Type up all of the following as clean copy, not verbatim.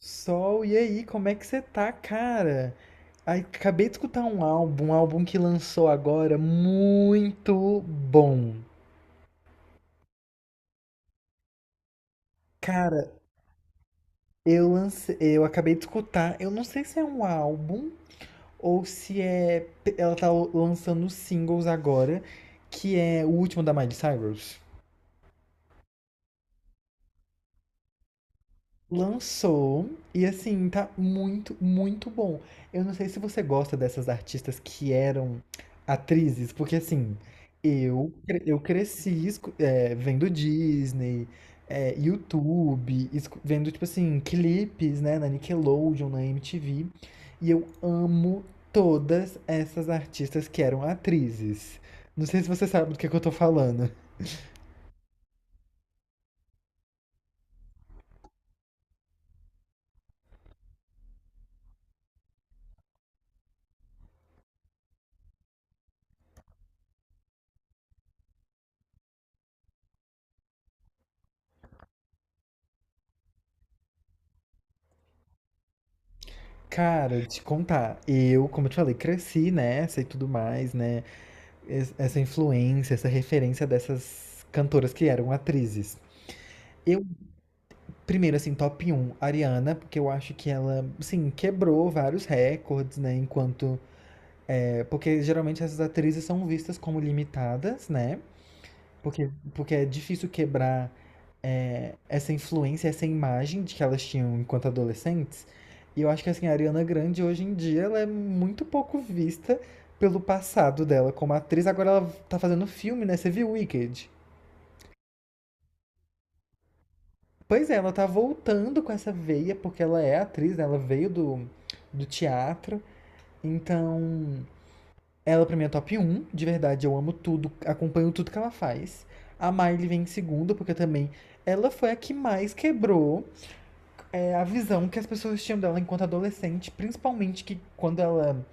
Sol, e aí, como é que você tá, cara? Ai, acabei de escutar um álbum que lançou agora, muito bom. Cara, eu acabei de escutar, eu não sei se é um álbum ou se é, ela tá lançando singles agora, que é o último da Miley Cyrus. Lançou e assim, tá muito bom. Eu não sei se você gosta dessas artistas que eram atrizes, porque assim, eu cresci vendo Disney, YouTube, vendo, tipo assim, clipes, né, na Nickelodeon, na MTV, e eu amo todas essas artistas que eram atrizes. Não sei se você sabe do que é que eu tô falando. Cara, te contar, eu, como eu te falei, cresci nessa e tudo mais, né? Essa influência, essa referência dessas cantoras que eram atrizes. Eu, primeiro, assim, top um, Ariana, porque eu acho que ela, assim, quebrou vários recordes, né? Enquanto. Porque geralmente essas atrizes são vistas como limitadas, né? Porque é difícil quebrar essa influência, essa imagem de que elas tinham enquanto adolescentes. E eu acho que, assim, a Ariana Grande, hoje em dia, ela é muito pouco vista pelo passado dela como atriz. Agora ela tá fazendo filme, né? Você viu Wicked? Pois é, ela tá voltando com essa veia, porque ela é atriz, né? Ela veio do teatro. Então, ela pra mim é top um. De verdade, eu amo tudo, acompanho tudo que ela faz. A Miley vem em segundo, porque também ela foi a que mais quebrou a visão que as pessoas tinham dela enquanto adolescente. Principalmente que quando ela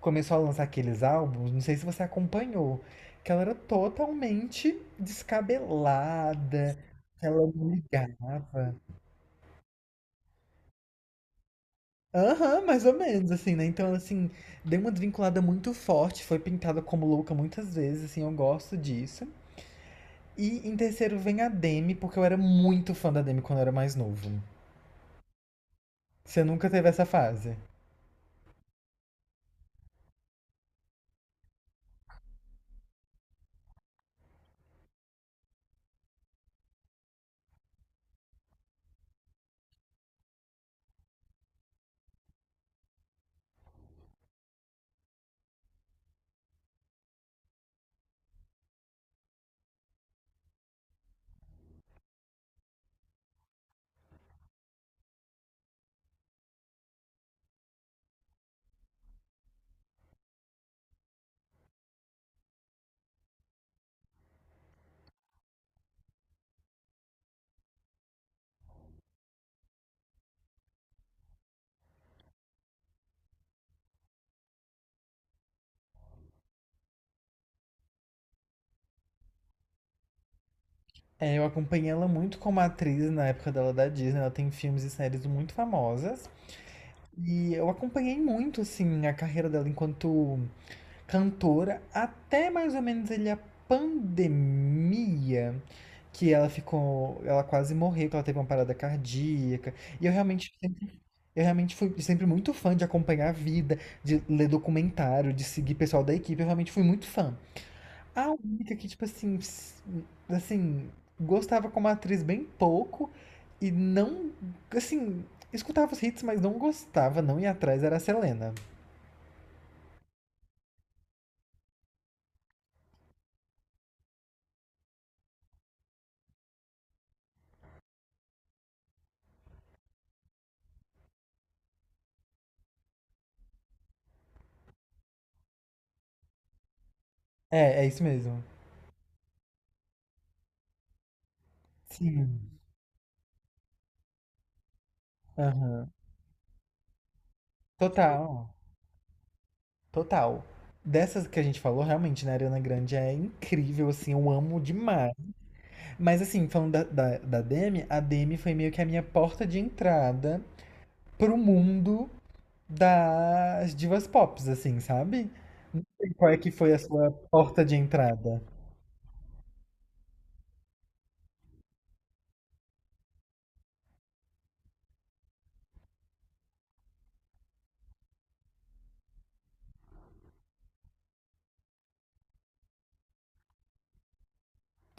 começou a lançar aqueles álbuns, não sei se você acompanhou, que ela era totalmente descabelada, que ela não ligava. Aham, mais ou menos, assim, né? Então, assim, deu uma desvinculada muito forte, foi pintada como louca muitas vezes, assim, eu gosto disso. E em terceiro vem a Demi, porque eu era muito fã da Demi quando eu era mais novo. Você nunca teve essa fase? É, eu acompanhei ela muito como atriz na época dela da Disney, ela tem filmes e séries muito famosas. E eu acompanhei muito, assim, a carreira dela enquanto cantora até mais ou menos ele a pandemia, que ela ficou, ela quase morreu, que ela teve uma parada cardíaca. E eu realmente eu realmente fui sempre muito fã de acompanhar a vida, de ler documentário, de seguir pessoal da equipe, eu realmente fui muito fã. A única que tipo assim, assim, gostava como atriz bem pouco e não, assim, escutava os hits, mas não gostava, não ia atrás, era a Selena. É, é isso mesmo. Sim. Aham. Total, total. Dessas que a gente falou, realmente, né, a Ariana Grande é incrível, assim, eu amo demais. Mas assim, falando da Demi, a Demi foi meio que a minha porta de entrada pro mundo das divas pops, assim, sabe? Não sei qual é que foi a sua porta de entrada.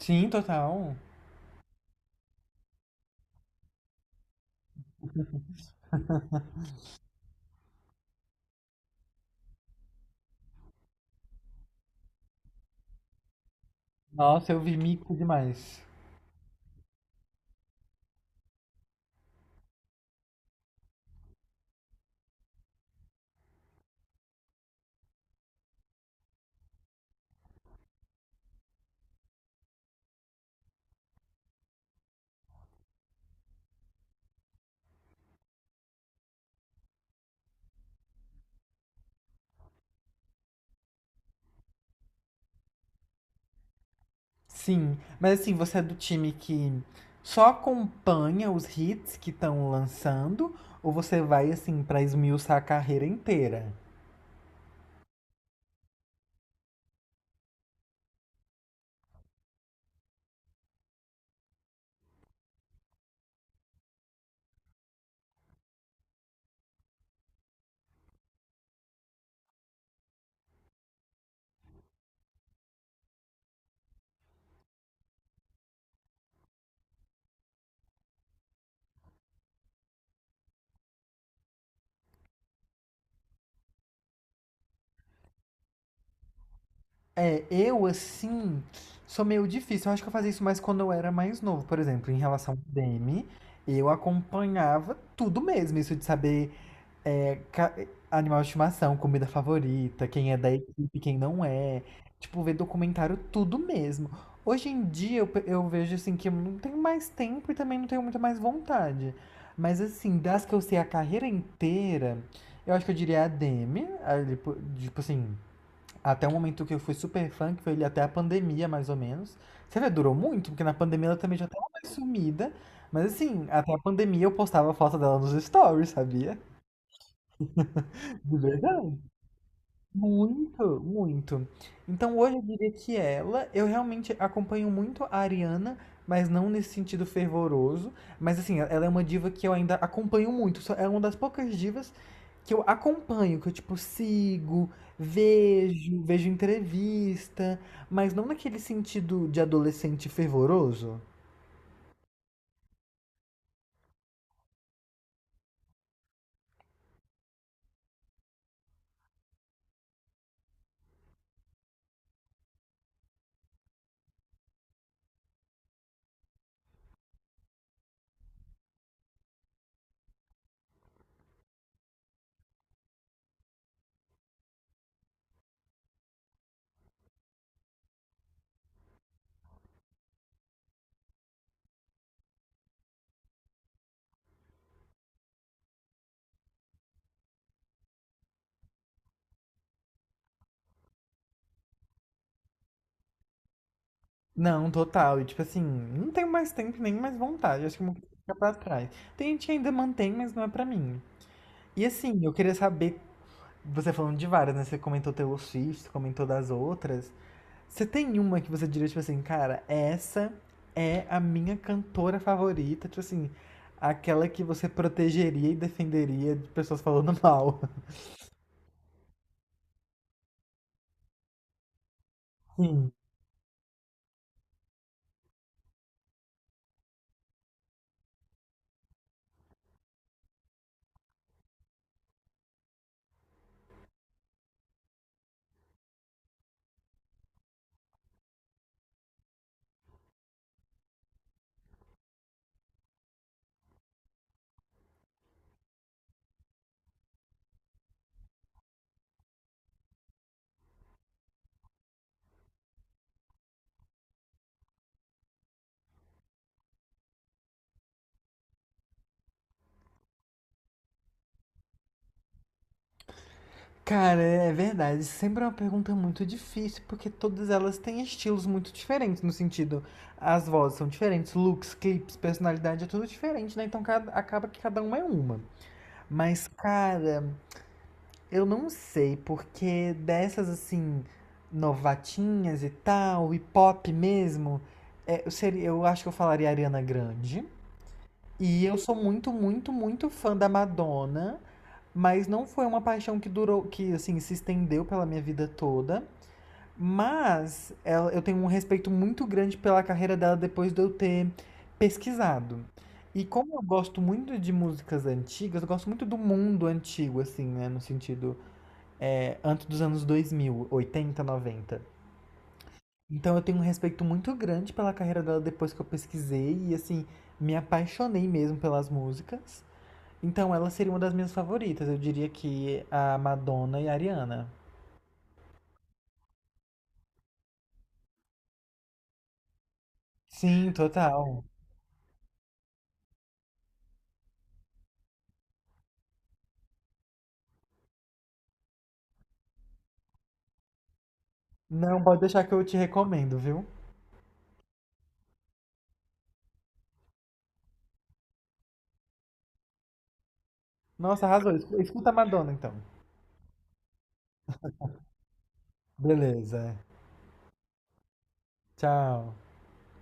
Sim, total. Nossa, eu vi mico demais. Sim, mas assim, você é do time que só acompanha os hits que estão lançando ou você vai assim pra esmiuçar a carreira inteira? É, eu assim sou meio difícil. Eu acho que eu fazia isso mais quando eu era mais novo, por exemplo, em relação ao Demi, eu acompanhava tudo mesmo, isso de saber. É, ca- animal de estimação, comida favorita, quem é da equipe, quem não é. Tipo, ver documentário, tudo mesmo. Hoje em dia eu vejo assim que eu não tenho mais tempo e também não tenho muito mais vontade. Mas assim, das que eu sei a carreira inteira, eu acho que eu diria a Demi, tipo assim, até o momento que eu fui super fã, que foi ali até a pandemia mais ou menos. Você vê, durou muito, porque na pandemia ela também já tava mais sumida. Mas assim, até a pandemia eu postava foto dela nos stories, sabia? De verdade. Muito, muito. Então hoje eu diria que ela, eu realmente acompanho muito a Ariana, mas não nesse sentido fervoroso. Mas assim, ela é uma diva que eu ainda acompanho muito. Só- É uma das poucas divas que eu acompanho, que eu tipo sigo, vejo entrevista, mas não naquele sentido de adolescente fervoroso. Não, total. E tipo assim, não tenho mais tempo nem mais vontade. Acho que eu vou ficar pra trás. Tem gente que ainda mantém, mas não é pra mim. E assim, eu queria saber, você falando de várias, né? Você comentou Taylor Swift, comentou das outras. Você tem uma que você diria, tipo assim, cara, essa é a minha cantora favorita, tipo assim, aquela que você protegeria e defenderia de pessoas falando mal. Sim. Cara, é verdade. Sempre é uma pergunta muito difícil, porque todas elas têm estilos muito diferentes, no sentido, as vozes são diferentes, looks, clipes, personalidade, é tudo diferente, né? Então cada- acaba que cada uma é uma. Mas, cara, eu não sei, porque dessas assim, novatinhas e tal, e pop mesmo, eu acho que eu falaria Ariana Grande. E eu sou muito fã da Madonna, mas não foi uma paixão que durou, que assim, se estendeu pela minha vida toda. Mas ela- eu tenho um respeito muito grande pela carreira dela depois de eu ter pesquisado. E como eu gosto muito de músicas antigas, eu gosto muito do mundo antigo, assim, né? No sentido antes dos anos 2000 80 noventa. Então eu tenho um respeito muito grande pela carreira dela depois que eu pesquisei e assim, me apaixonei mesmo pelas músicas. Então ela seria uma das minhas favoritas, eu diria que a Madonna e a Ariana. Sim, total. Não, pode deixar que eu te recomendo, viu? Nossa, arrasou. Escu- Escuta a Madonna então. Beleza. Tchau.